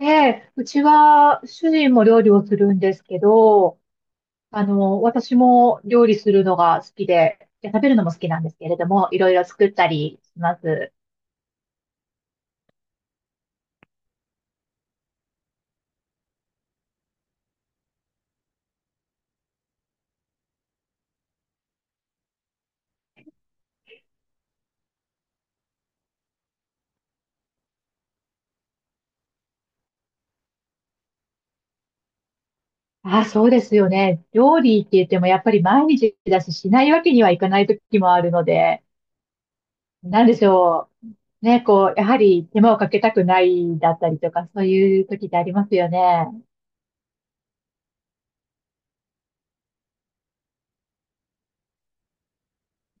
ええ、うちは主人も料理をするんですけど、私も料理するのが好きで、いや食べるのも好きなんですけれども、いろいろ作ったりします。ああ、そうですよね。料理って言ってもやっぱり毎日だし、しないわけにはいかない時もあるので、なんでしょう。ね、こう、やはり手間をかけたくないだったりとか、そういう時ってありますよね。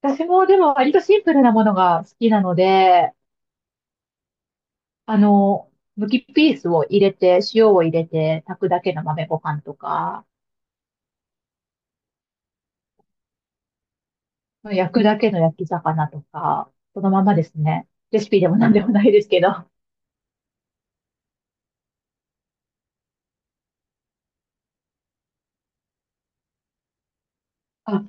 私もでも割とシンプルなものが好きなので、あの、むきピースを入れて、塩を入れて、炊くだけの豆ご飯とか、焼くだけの焼き魚とか、そのままですね。レシピでも何でもないですけど。あ、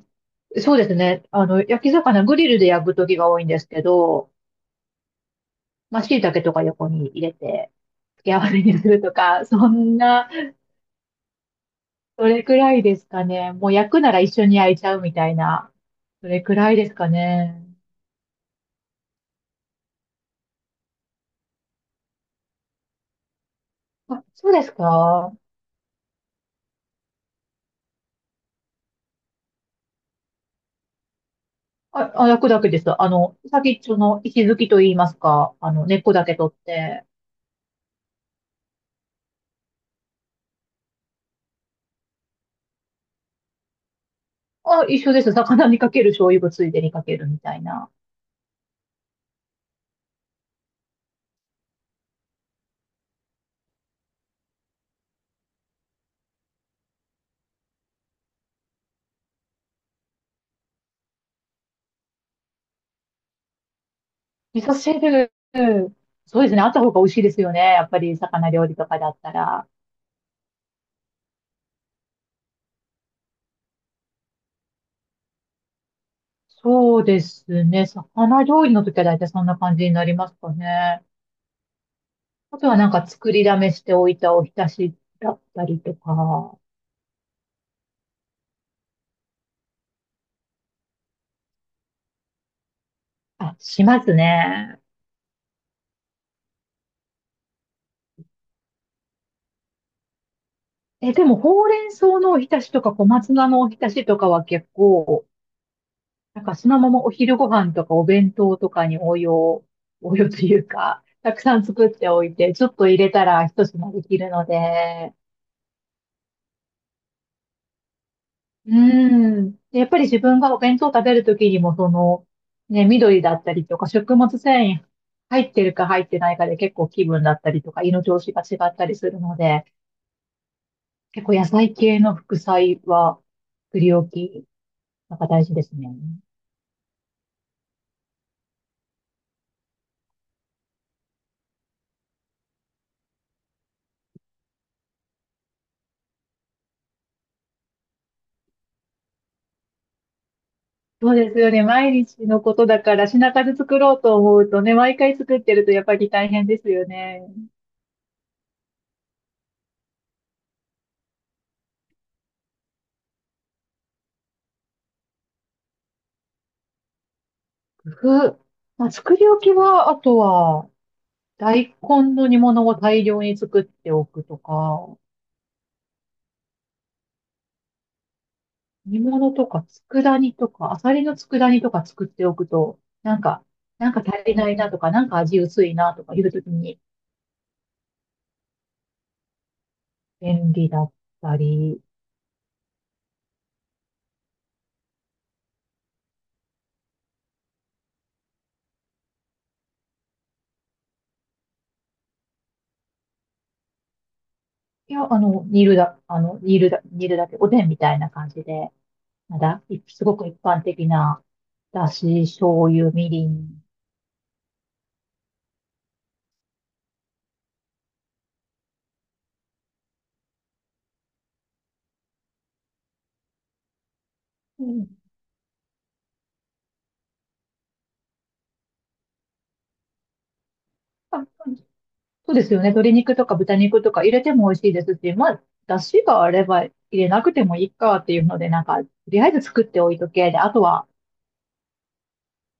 そうですね。焼き魚、グリルで焼く時が多いんですけど、まあ、椎茸とか横に入れて、付け合わせにするとか、そんな、それくらいですかね。もう焼くなら一緒に焼いちゃうみたいな、それくらいですかね。あ、そうですか。あ、あ、焼くだけです。先っちょの石づきと言いますか、根っこだけ取って、あ、一緒です。魚にかける醤油をついでにかけるみたいな。味噌汁、そうですね。あった方が美味しいですよね。やっぱり魚料理とかだったら。そうですね。魚料理の時は大体そんな感じになりますかね。あとはなんか作りだめしておいたおひたしだったりとか。あ、しますね。え、でもほうれん草のおひたしとか小松菜のおひたしとかは結構、なんかそのままお昼ご飯とかお弁当とかに応用、応用というか、たくさん作っておいて、ちょっと入れたら一品できるので、うーん。でやっぱり自分がお弁当食べるときにも、その、ね、緑だったりとか、食物繊維入ってるか入ってないかで結構気分だったりとか、胃の調子が違ったりするので、結構野菜系の副菜は、作り置き、なんか大事ですね。そうですよね。毎日のことだから品数作ろうと思うとね、毎回作ってるとやっぱり大変ですよね。工夫。まあ、作り置きは、あとは、大根の煮物を大量に作っておくとか、煮物とか佃煮とか、アサリの佃煮とか作っておくと、なんか、なんか足りないなとか、なんか味薄いなとかいうときに便利だったり、いや、あの、煮るだ、あの、煮るだ、煮るだけ、おでんみたいな感じで。なんだ、いすごく一般的な、だし、醤油、みりん。うん。あ、そうですよね。鶏肉とか豚肉とか入れても美味しいですし、まあ、だしがあれば入れなくてもいいかっていうので、なんか、とりあえず作っておいとけ。で、あとは、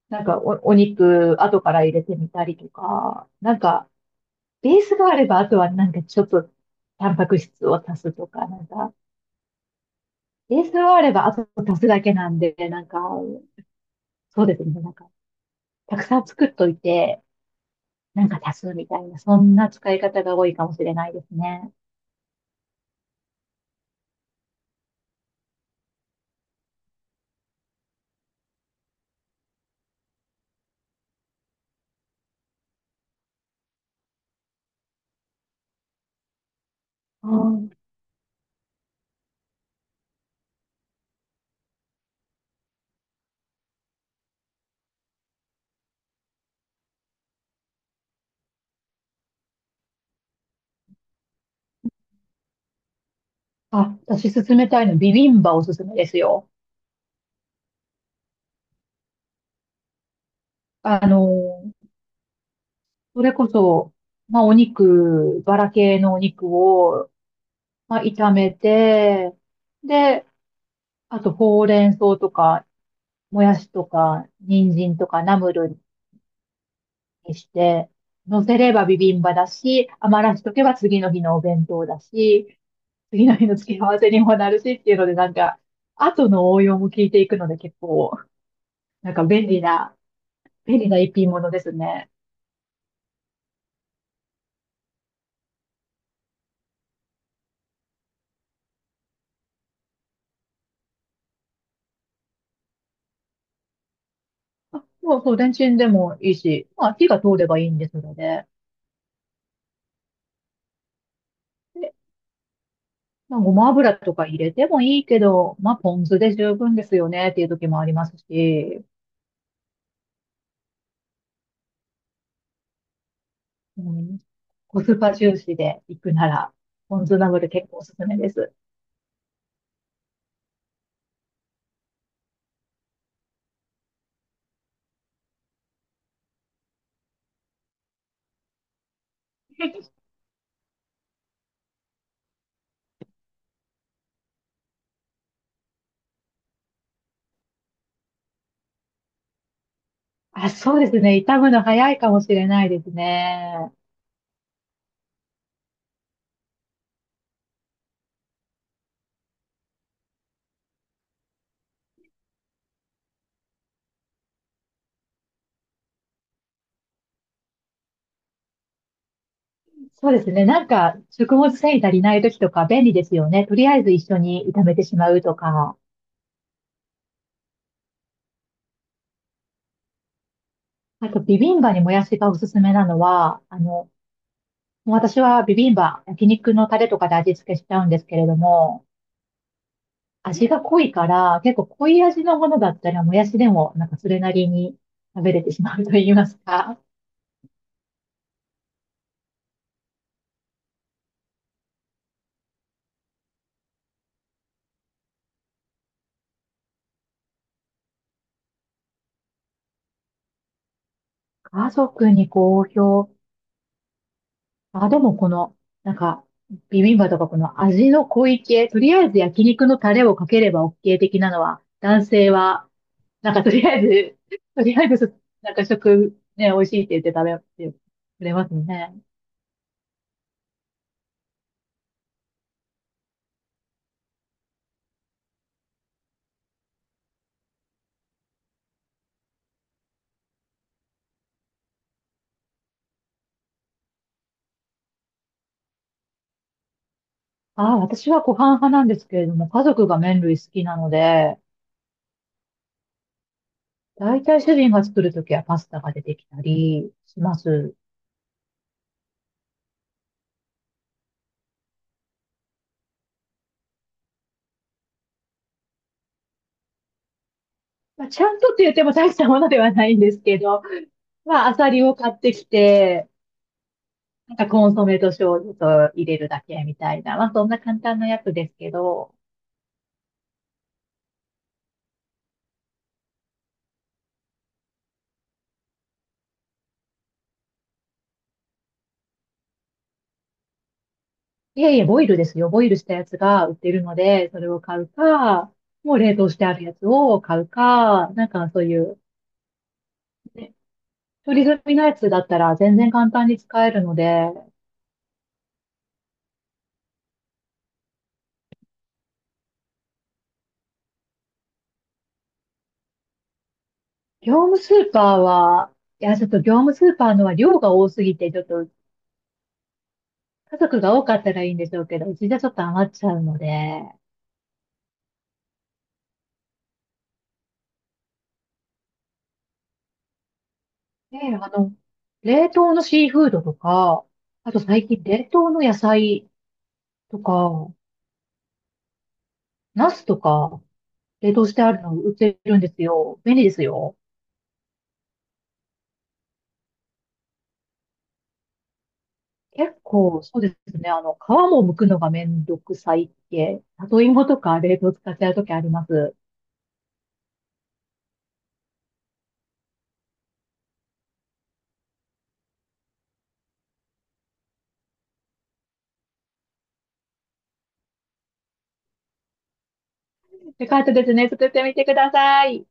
なんかお、お肉、後から入れてみたりとか、なんか、ベースがあれば、あとはなんかちょっと、タンパク質を足すとか、なんか、ベースがあれば、あと足すだけなんで、なんか、そうですね。なんか、たくさん作っといて、なんか足すみたいな、そんな使い方が多いかもしれないですね。うん。あ、私勧めたいの、ビビンバおすすめですよ。あの、それこそ、まあお肉、バラ系のお肉を、まあ炒めて、で、あとほうれん草とか、もやしとか、人参とか、ナムルにして、乗せればビビンバだし、余らしとけば次の日のお弁当だし、次の日の付け合わせにもなるしっていうので、なんか、後の応用も聞いていくので結構、なんか便利な、便利な一品物ですね。あもうそう、レンチンでもいいし、まあ火が通ればいいんですので、で、まあ、ごま油とか入れてもいいけど、まあポン酢で十分ですよねっていう時もありますし、うん、コスパ重視で行くなら、ポン酢なので結構おすすめです。あ、そうですね。傷むの早いかもしれないですね。そうですね。なんか、食物繊維足りない時とか便利ですよね。とりあえず一緒に炒めてしまうとか。あと、ビビンバにもやしがおすすめなのは、もう私はビビンバ、焼肉のタレとかで味付けしちゃうんですけれども、味が濃いから、結構濃い味のものだったら、もやしでも、なんかそれなりに食べれてしまうと言いますか。家族に好評。あ、でもこの、なんか、ビビンバとかこの味の濃い系、とりあえず焼肉のタレをかければ OK 的なのは、男性は、なんかとりあえず、とりあえずそ、なんか食、ね、美味しいって言って食べてくれますね。ああ、私はご飯派なんですけれども、家族が麺類好きなので、だいたい主人が作るときはパスタが出てきたりします。まあ、ちゃんとって言っても大したものではないんですけど、まあ、アサリを買ってきて、なんかコンソメと醤油と入れるだけみたいな。まあそんな簡単なやつですけど。いえいえ、ボイルですよ。ボイルしたやつが売ってるので、それを買うか、もう冷凍してあるやつを買うか、なんかそういう、ね、取り済みのやつだったら全然簡単に使えるので、業務スーパーは、いや、ちょっと業務スーパーのは量が多すぎて、ちょっと家族が多かったらいいんでしょうけど、うちじゃちょっと余っちゃうので、ねえ、冷凍のシーフードとか、あと最近冷凍の野菜とか、ナスとか、冷凍してあるの売ってるんですよ。便利ですよ。結構、そうですね。皮も剥くのがめんどくさい系。里芋とか冷凍使っちゃうときあります。よかったですね。作ってみてください。